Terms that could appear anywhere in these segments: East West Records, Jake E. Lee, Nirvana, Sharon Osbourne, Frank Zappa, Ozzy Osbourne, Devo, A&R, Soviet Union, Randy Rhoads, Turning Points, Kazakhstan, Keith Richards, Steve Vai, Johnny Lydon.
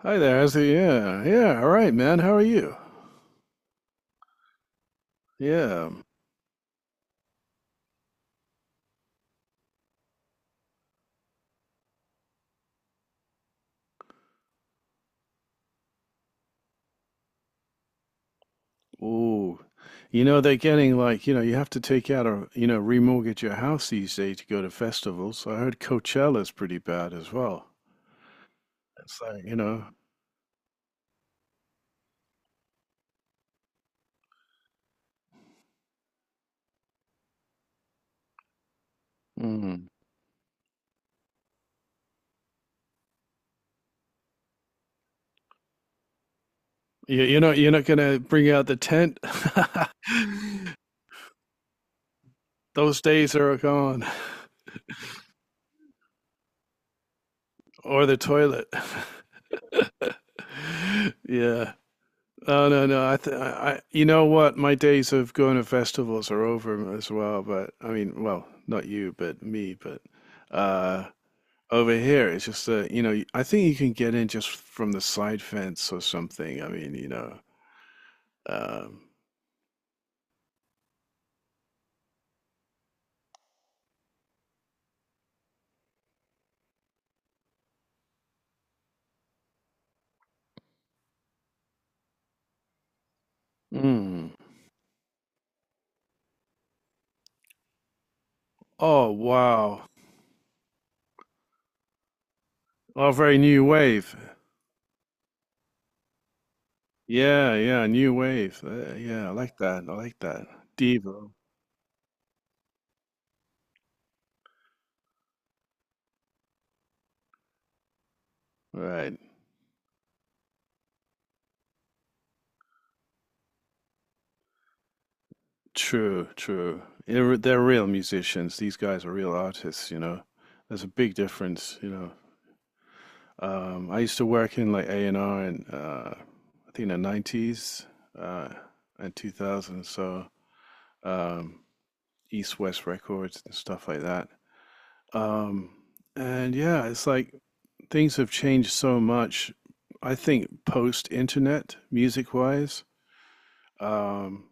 Hi there, how's it? Yeah, all right, man. How are you? Yeah. Ooh, they're getting like you have to take out a remortgage your house these days to go to festivals. I heard Coachella's pretty bad as well. It's like mm, you you're not gonna bring out the tent. Those days are gone, or the toilet. Yeah. No. You know what? My days of going to festivals are over as well. But I mean, well, not you, but me. But uh, over here, it's just I think you can get in just from the side fence or something. I mean, Um, mm. Oh, wow! Oh, very new wave. Yeah, new wave. Yeah, I like that. I like that. Devo. Right. True, true. They're real musicians. These guys are real artists, you know. There's a big difference, you know. I used to work in like A&R in I think the 90s uh, and 2000s, so um, East West Records and stuff like that. Um, and yeah, it's like things have changed so much. I think post internet, music wise. Um,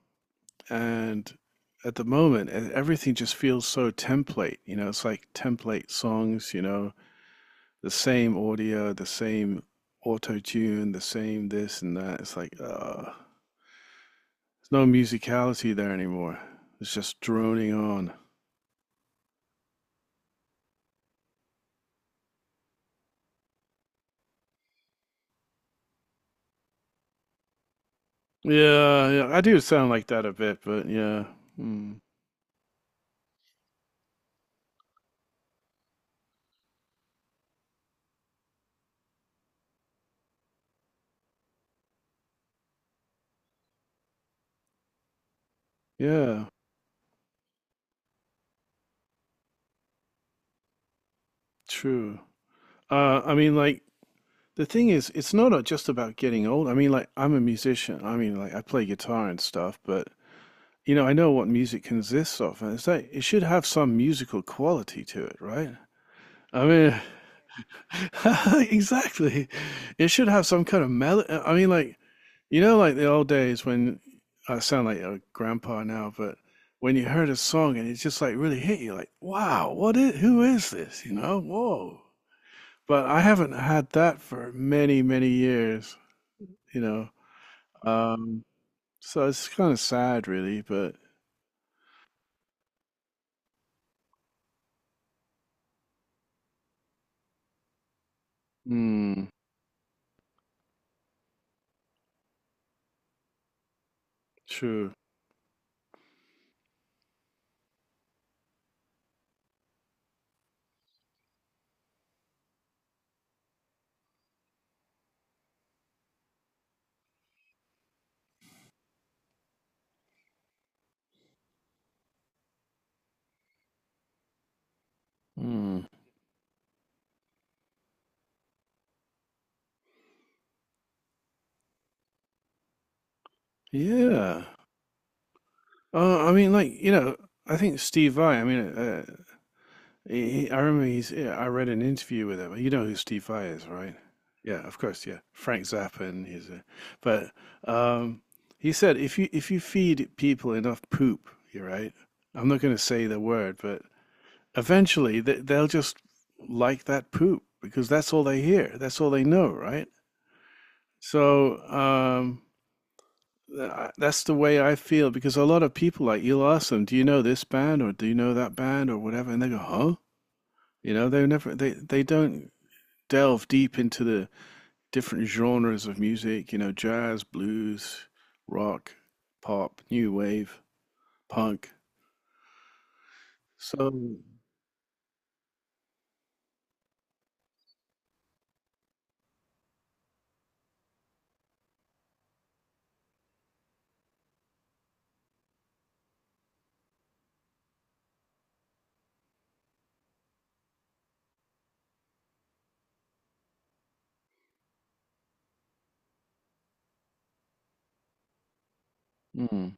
and at the moment everything just feels so template, it's like template songs, the same audio, the same auto tune, the same this and that. It's like there's no musicality there anymore. It's just droning on. Yeah, yeah, I do sound like that a bit, but yeah. Mm, yeah, true. I mean, like, the thing is it's not just about getting old. I mean, like, I'm a musician. I mean, like, I play guitar and stuff, but you know, I know what music consists of, and it's like it should have some musical quality to it, right? I mean, exactly. It should have some kind of melody. I mean, like, you know, like the old days when I sound like a grandpa now, but when you heard a song and it just like really hit you, like, wow, what is, who is this? You know, whoa. But I haven't had that for many, many years, you know. Um, so it's kind of sad, really, but mm, sure. Yeah. I mean, like, I think Steve Vai, I mean, I remember yeah, I read an interview with him. You know who Steve Vai is, right? Yeah, of course, yeah. Frank Zappa and his, but um, he said if you feed people enough poop, you're right. I'm not going to say the word, but eventually they'll just like that poop because that's all they hear. That's all they know, right? So, um, that's the way I feel because a lot of people, like, you'll ask them, "Do you know this band or do you know that band or whatever?" and they go, "Huh?" You know, they never they they don't delve deep into the different genres of music, you know, jazz, blues, rock, pop, new wave, punk. So, mm,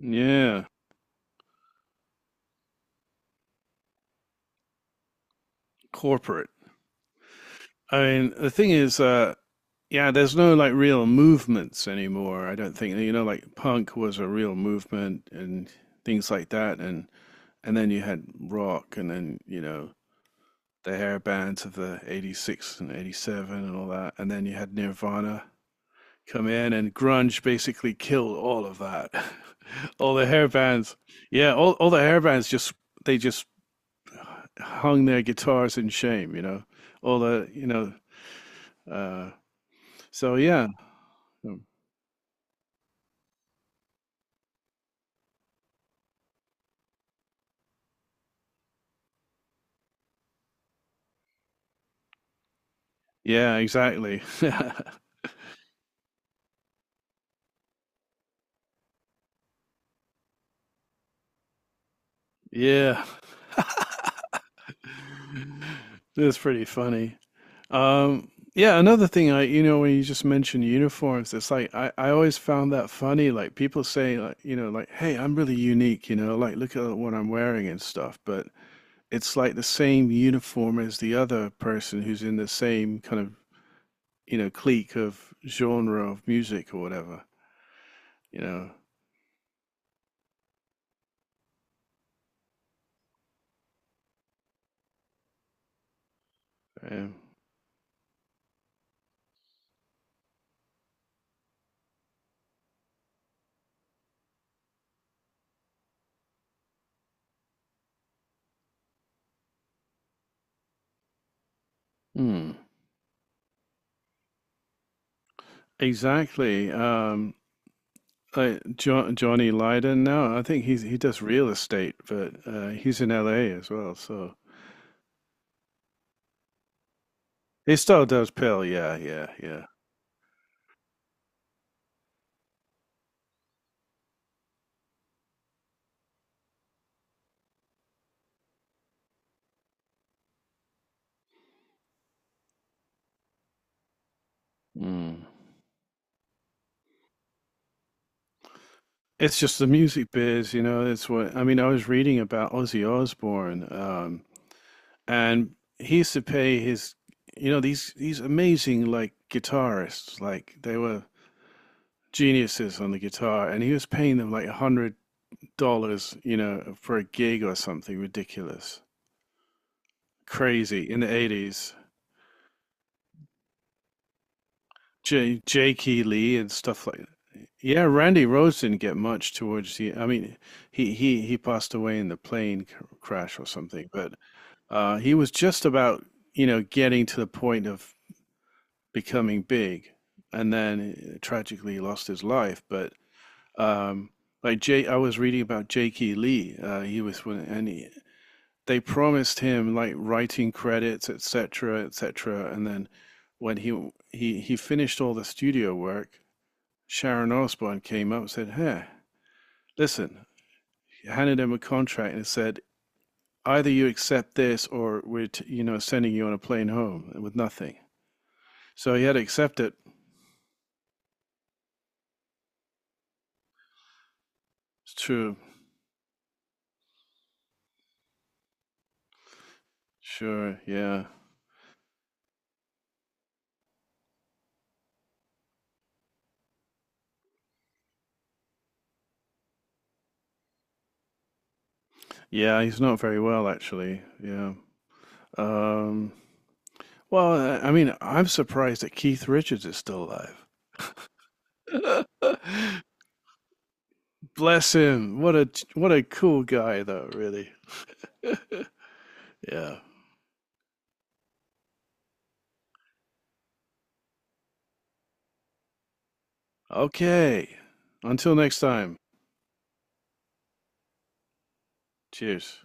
yeah, corporate. I mean, the thing is, yeah, there's no like real movements anymore. I don't think, you know, like punk was a real movement and things like that, and then you had rock, and then you know the hair bands of the '86 and '87 and all that, and then you had Nirvana come in, and grunge basically killed all of that. all the hair bands, yeah, all the hair bands just they just hung their guitars in shame, you know. All the you know, uh, so yeah, um, yeah, exactly, yeah. That's pretty funny. Um, yeah, another thing you know, when you just mentioned uniforms, it's like I always found that funny. Like people say, like, you know, like, hey, I'm really unique, you know, like look at what I'm wearing and stuff. But it's like the same uniform as the other person who's in the same kind of, you know, clique of genre of music or whatever, you know. Um, hmm. Exactly. Like Johnny Lydon now, I think he does real estate, but he's in LA as well, so. He still does pill, yeah, yeah, yeah. Mm. It's just the music biz, you know. It's what I mean. I was reading about Ozzy Osbourne, and he used to pay his, you know, these amazing like guitarists, like they were geniuses on the guitar, and he was paying them like $100, you know, for a gig or something ridiculous, crazy in the '80s. J- Jakey Lee and stuff like that. Yeah, Randy Rhoads didn't get much towards the. I mean, he passed away in the plane c- crash or something, but he was just about, you know, getting to the point of becoming big, and then tragically lost his life. But um, I was reading about Jake E. Lee. He was one, they promised him like writing credits, etc., etc., and then when he finished all the studio work, Sharon Osbourne came up and said, "Hey. Listen, I handed him a contract and said, either you accept this or we're, you know, sending you on a plane home with nothing. So he had to accept it." It's true. Sure. Yeah. Yeah. He's not very well, actually. Yeah. Um, well, I mean, I'm surprised that Keith Richards is still alive. Bless him. What a cool guy, though. Really. Yeah. Okay. Until next time. Cheers.